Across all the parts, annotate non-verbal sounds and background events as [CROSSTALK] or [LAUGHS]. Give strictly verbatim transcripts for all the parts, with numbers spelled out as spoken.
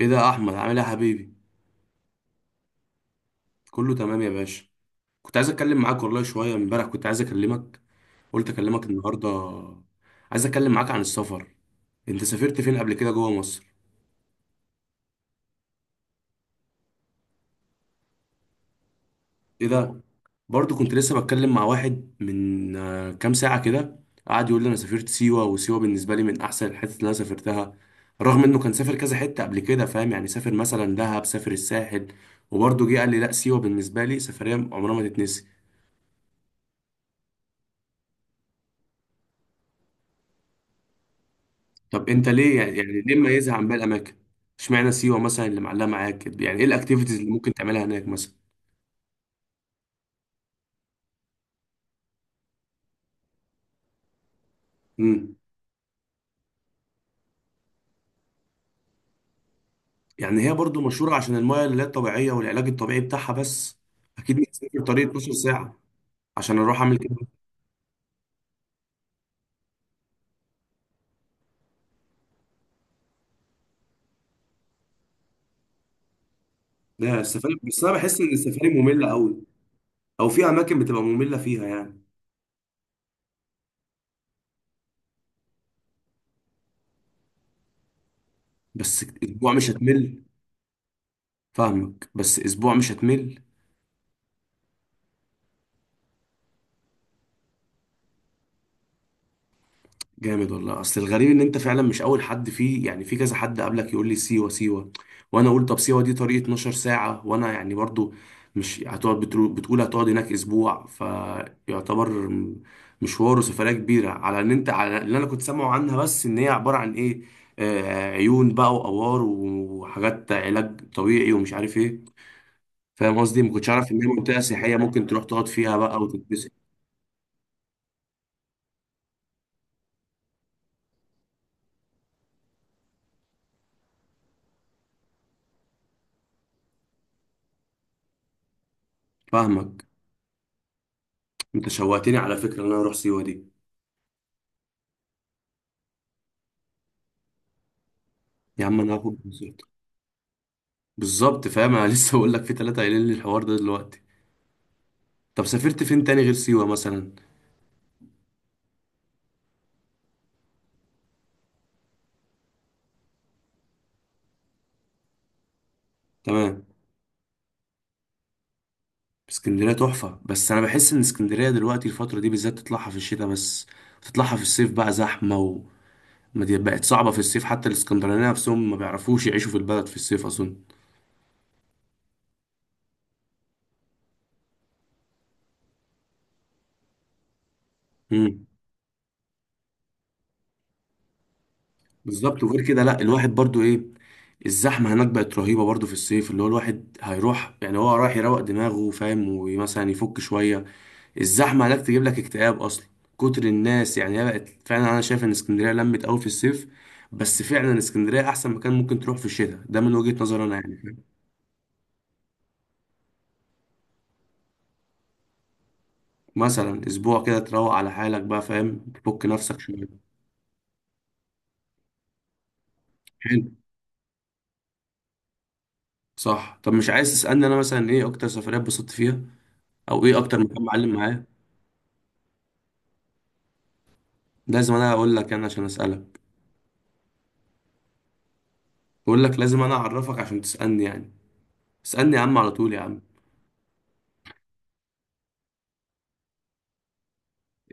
ايه ده يا احمد، عامل ايه يا حبيبي؟ كله تمام يا باشا. كنت عايز اتكلم معاك والله شويه، امبارح كنت عايز اكلمك، قلت اكلمك النهارده. عايز اتكلم معاك عن السفر. انت سافرت فين قبل كده جوه مصر؟ ايه ده، برضو كنت لسه بتكلم مع واحد من آه، كام ساعه كده، قعد يقول لي انا سافرت سيوه، وسيوه بالنسبه لي من احسن الحتت اللي انا سافرتها، رغم انه كان سافر كذا حته قبل كده، فاهم؟ يعني سافر مثلا دهب، سافر الساحل، وبرضه جه قال لي لا سيوه بالنسبه لي سفريه عمرها ما تتنسي. طب انت ليه يعني يعني ليه مميزها عن باقي الاماكن؟ اشمعنى سيوه مثلا اللي معلقه معاك كده؟ يعني ايه الاكتيفيتيز اللي ممكن تعملها هناك مثلا؟ امم. يعني هي برضو مشهوره عشان المايه اللي هي الطبيعيه والعلاج الطبيعي بتاعها بس؟ اكيد مش هسافر طريق اتناشر ساعه عشان اروح اعمل كده. لا السفاري بس، انا بحس ان السفاري ممله قوي، او في اماكن بتبقى ممله فيها يعني. بس اسبوع مش هتمل. فاهمك، بس اسبوع مش هتمل. جامد والله، اصل الغريب ان انت فعلا مش اول حد فيه، يعني في كذا حد قبلك يقول لي سيوه سيوه، وانا اقول طب سيوه دي طريق اثنا عشر ساعه، وانا يعني برضو مش هتقعد بترو- بتقول هتقعد هناك اسبوع، فيعتبر م- مشوار وسفريه كبيره، على ان انت على اللي انا كنت سامعه عنها، بس ان هي عباره عن ايه، آه عيون بقى وآوار وحاجات علاج طبيعي ومش عارف ايه. فاهم قصدي؟ ما كنتش عارف ان هي منطقه سياحيه ممكن تروح تقعد فيها بقى وتتبسط. فاهمك. انت شوقتني على فكره ان انا اروح سيوه دي. يا عم انا هاخد. بالظبط فاهم، انا لسه بقول لك في ثلاثه قايلين لي الحوار ده دلوقتي. طب سافرت فين تاني غير سيوه مثلا؟ تمام. اسكندريه تحفه، بس انا بحس ان اسكندريه دلوقتي الفتره دي بالذات تطلعها في الشتاء بس، تطلعها في الصيف بقى زحمه. وما دي بقت صعبه في الصيف، حتى الاسكندرانيه نفسهم ما بيعرفوش يعيشوا في البلد في الصيف اظن. امم. بالظبط، وغير كده لا الواحد برضو ايه، الزحمه هناك بقت رهيبه برضو في الصيف، اللي هو الواحد هيروح يعني هو رايح يروق دماغه فاهم، ومثلا يفك شويه، الزحمه هناك تجيب لك اكتئاب اصلا، كتر الناس، يعني هي بقت فعلا، انا شايف ان اسكندريه لمت قوي في الصيف، بس فعلا اسكندريه احسن مكان ممكن تروح في الشتاء ده من وجهه نظري انا يعني، فاهم؟ مثلا اسبوع كده تروق على حالك بقى، فاهم؟ تفك نفسك شويه. حلو. صح، طب مش عايز تسالني انا مثلا ايه اكتر سفريه اتبسطت فيها، او ايه اكتر مكان معلم معايا؟ لازم انا اقول لك، انا عشان اسالك. بقول لك لازم انا اعرفك عشان تسالني يعني. اسالني يا عم على طول، يا عم.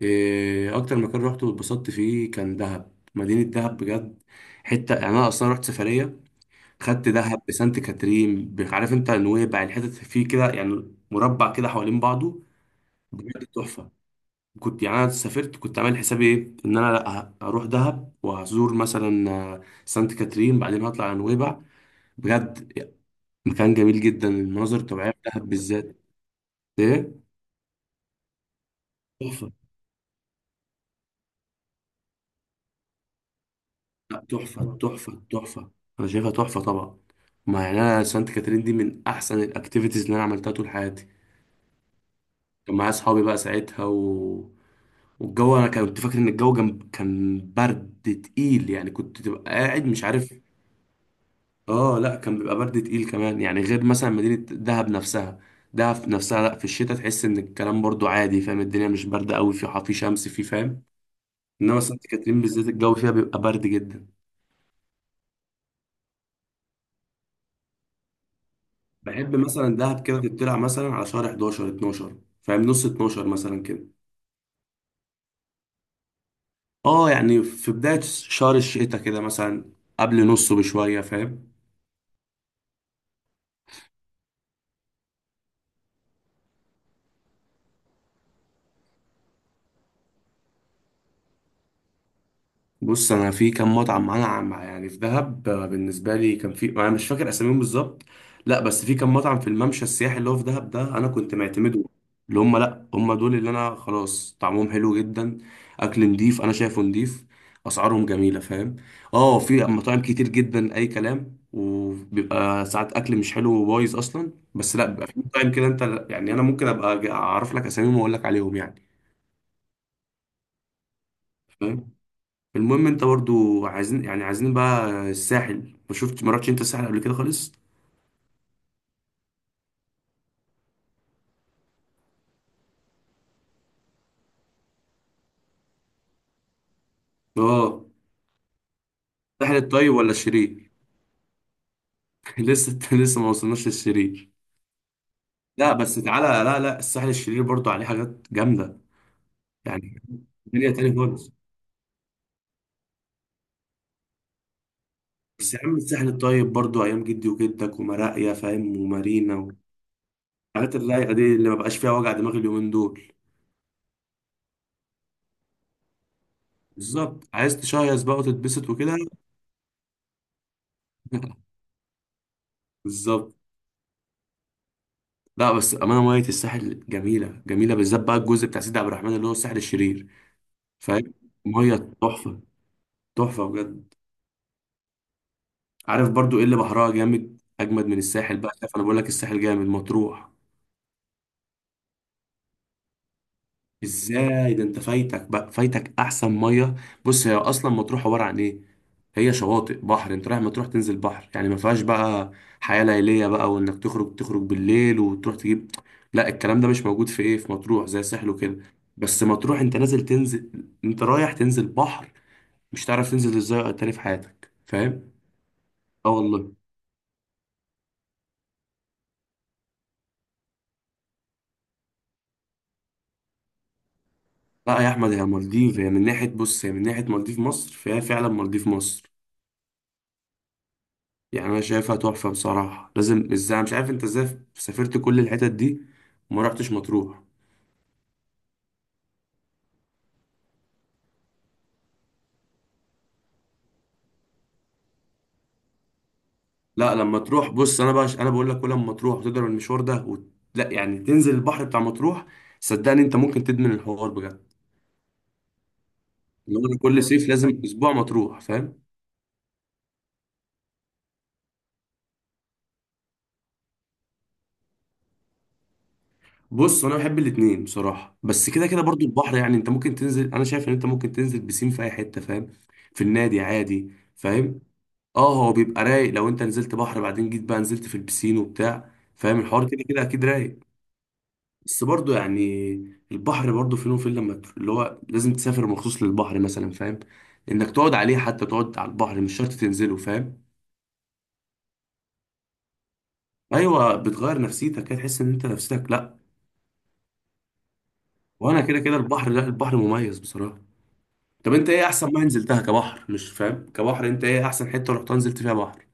إيه، اكتر مكان روحته واتبسطت فيه كان دهب، مدينة دهب بجد، حتة يعني، انا اصلا رحت سفرية، خدت دهب بسانت كاترين ب- عارف انت نويبع، الحتت فيه كده، يعني مربع كده حوالين بعضه. بجد تحفة. كنت يعني انا سافرت، كنت عامل حسابي ايه ان انا لا ه- هروح دهب وهزور مثلا آه، سانت كاترين، بعدين هطلع على نويبع. بجد يعني، مكان جميل جدا، المناظر الطبيعية في دهب بالذات. ايه؟ تحفة. لا تحفة تحفة تحفة. أنا شايفها تحفة طبعا، ما يعني أنا سانت كاترين دي من أحسن الأكتيفيتيز اللي أنا عملتها طول حياتي. كان معايا أصحابي بقى ساعتها و... والجو، أنا كنت فاكر إن الجو جنب كان برد تقيل، يعني كنت تبقى قاعد مش عارف. آه لا، كان بيبقى برد تقيل كمان يعني، غير مثلا مدينة دهب نفسها، دهب نفسها لا، في الشتاء تحس إن الكلام برضو عادي، فاهم؟ الدنيا مش باردة أوي، في في شمس في، فاهم. إنما سانت كاترين بالذات الجو فيها بيبقى برد جدا. بحب مثلا دهب كده تطلع مثلا على شهر احد عشر اتناشر. فاهم؟ نص اتناشر مثلا كده. اه، يعني في بداية شهر الشتاء كده مثلا، قبل نصه بشوية، فاهم. بص انا في كام مطعم معانا عم- يعني في دهب آه، بالنسبه لي كان في، انا مش فاكر اساميهم بالظبط، لا بس في كام مطعم في الممشى السياحي اللي هو في دهب ده انا كنت معتمده، اللي هم لا هم دول اللي انا خلاص طعمهم حلو جدا، اكل نضيف انا شايفه نضيف، اسعارهم جميله، فاهم. اه في مطاعم كتير جدا اي كلام، وبيبقى ساعات اكل مش حلو وبايظ اصلا، بس لا بيبقى في مطاعم كده انت يعني، انا ممكن ابقى اعرف لك اساميهم واقول لك عليهم يعني. فاهم. المهم، انت برضو عايزين يعني عايزين بقى الساحل، ما شفت ما رحتش انت الساحل قبل كده خالص؟ اه. الساحل الطيب ولا الشرير؟ [LAUGHS] لسه لسه ما وصلناش للشرير. لا بس تعالى، لا لا الساحل الشرير برضو عليه حاجات جامدة، يعني الدنيا تاني خالص. بس يا عم الساحل الطيب برضو ايام جدي وجدك ومراقيا، فاهم، ومارينا والحاجات اللايقة دي اللي ما بقاش فيها وجع دماغ اليومين دول. بالظبط، عايز تشيص بقى وتتبسط وكده. [LAUGHS] بالظبط. لا بس امانه، ميه الساحل جميله جميله بالذات بقى الجزء بتاع سيدي عبد الرحمن اللي هو الساحل الشرير، فاهم. ميه تحفه، تحفه بجد. عارف برضو ايه اللي بحرها جامد اجمد من الساحل بقى؟ شايف انا بقول لك الساحل جامد، مطروح. ازاي ده انت فايتك بقى، فايتك احسن ميه. بص هي اصلا مطروح عباره عن ايه، هي شواطئ بحر، انت رايح مطروح تنزل بحر، يعني ما فيهاش بقى حياه ليليه بقى، وانك تخرج تخرج بالليل وتروح تجيب، لا الكلام ده مش موجود في ايه في مطروح زي الساحل وكده. بس مطروح انت نازل تنزل، انت رايح تنزل بحر، مش تعرف تنزل ازاي تاني في حياتك، فاهم. اه والله. لا يا احمد، هي مالديف، هي من ناحيه، بص هي من ناحيه مالديف مصر، فهي فعلا مالديف مصر. يعني انا شايفها تحفه بصراحه، لازم، ازاي مش عارف انت ازاي سافرت كل الحتت دي وما رحتش مطروح. لا لما تروح، بص انا بقى انا بقول لك، كل ما تروح وتضرب المشوار ده وت... لا يعني تنزل البحر بتاع مطروح، صدقني انت ممكن تدمن الحوار بجد. اللي هو أنا كل صيف لازم اسبوع مطروح، فاهم. بص انا بحب الاتنين بصراحه، بس كده كده برضو البحر، يعني انت ممكن تنزل، انا شايف ان انت ممكن تنزل بسين في اي حته، فاهم. في النادي عادي، فاهم. اه، هو بيبقى رايق لو انت نزلت بحر بعدين جيت بقى نزلت في البسين وبتاع، فاهم الحوار كده كده اكيد رايق. بس برضو يعني البحر برضو فين وفين، لما تروح- اللي هو لازم تسافر مخصوص للبحر مثلا، فاهم، انك تقعد عليه، حتى تقعد على البحر مش شرط تنزله، فاهم. ايوه، بتغير نفسيتك كده تحس ان انت نفسيتك لا. وانا كده كده البحر، لا البحر مميز بصراحة. طب انت ايه احسن ما نزلتها كبحر، مش فاهم كبحر، انت ايه احسن حتة رحت نزلت فيها بحر؟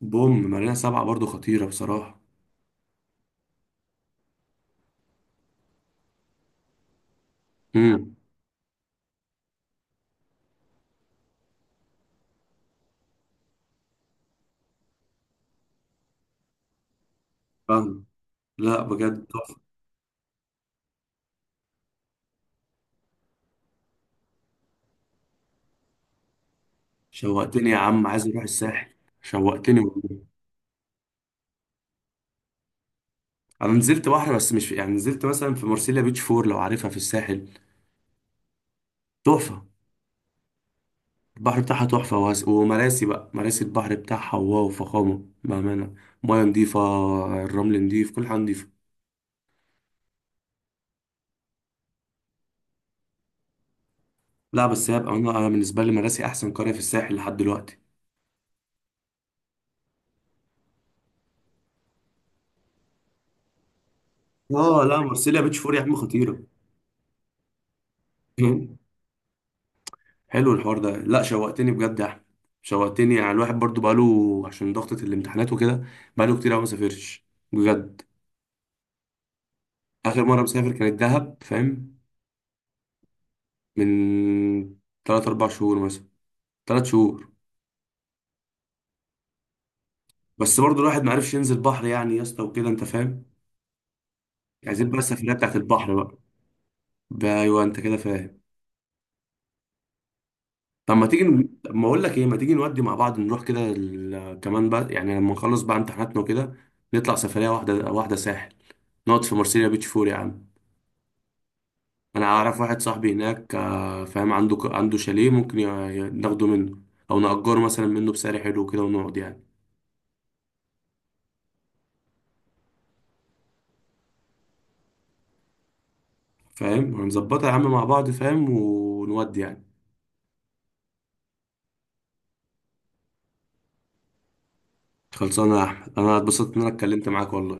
بوم، مارينا سبعة برضو خطيرة بصراحة. امم. فاهم. لا بجد، شوقتني يا عم، عايز اروح الساحل. شوقتني والله. انا نزلت بحر بس مش في... يعني نزلت مثلا في مرسيليا بيتش فور لو عارفها في الساحل. تحفه. البحر بتاعها تحفه وهس... ومراسي بقى، مراسي البحر بتاعها واو، فخامه بامانه، ميه نضيفه، الرمل نضيف، كل حاجه نضيفه. لا بس هي بقى انا بالنسبه لي مراسي احسن قريه في الساحل لحد دلوقتي. اه لا، مرسيليا بيتش فور يا عم خطيره. [LAUGHS] حلو الحوار ده، لا شوقتني بجد يا احمد، شوقتني، يعني الواحد برضو بقاله عشان ضغطة الامتحانات وكده، بقاله كتير قوي ما سافرش، بجد. آخر مرة مسافر كانت دهب، فاهم؟ من تلات أربع شهور مثلا، تلات شهور. بس برضه الواحد معرفش ينزل بحر يعني يا اسطى وكده أنت فاهم. عايزين بقى السفرية بتاعت البحر بقى، ده أيوه أنت كده فاهم. طب ما تيجي ن- طب ما أقول لك إيه، ما تيجي نودي مع بعض، نروح كده ال- كمان بقى يعني لما نخلص بقى امتحاناتنا وكده، نطلع سفرية واحدة واحدة، ساحل، نقعد في مرسيليا بيتش فور يا عم. أنا أعرف واحد صاحبي هناك آه، فاهم، عنده ك- عنده شاليه ممكن ي- ي- ناخده منه، أو نأجره مثلا منه بسعر حلو كده ونقعد يعني. فاهم هنظبطها يا عم مع بعض، فاهم، ونودي يعني. خلصانه يا احمد، انا اتبسطت ان انا اتكلمت معاك والله.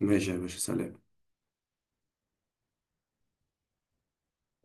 ماشي يا باشا، سلام.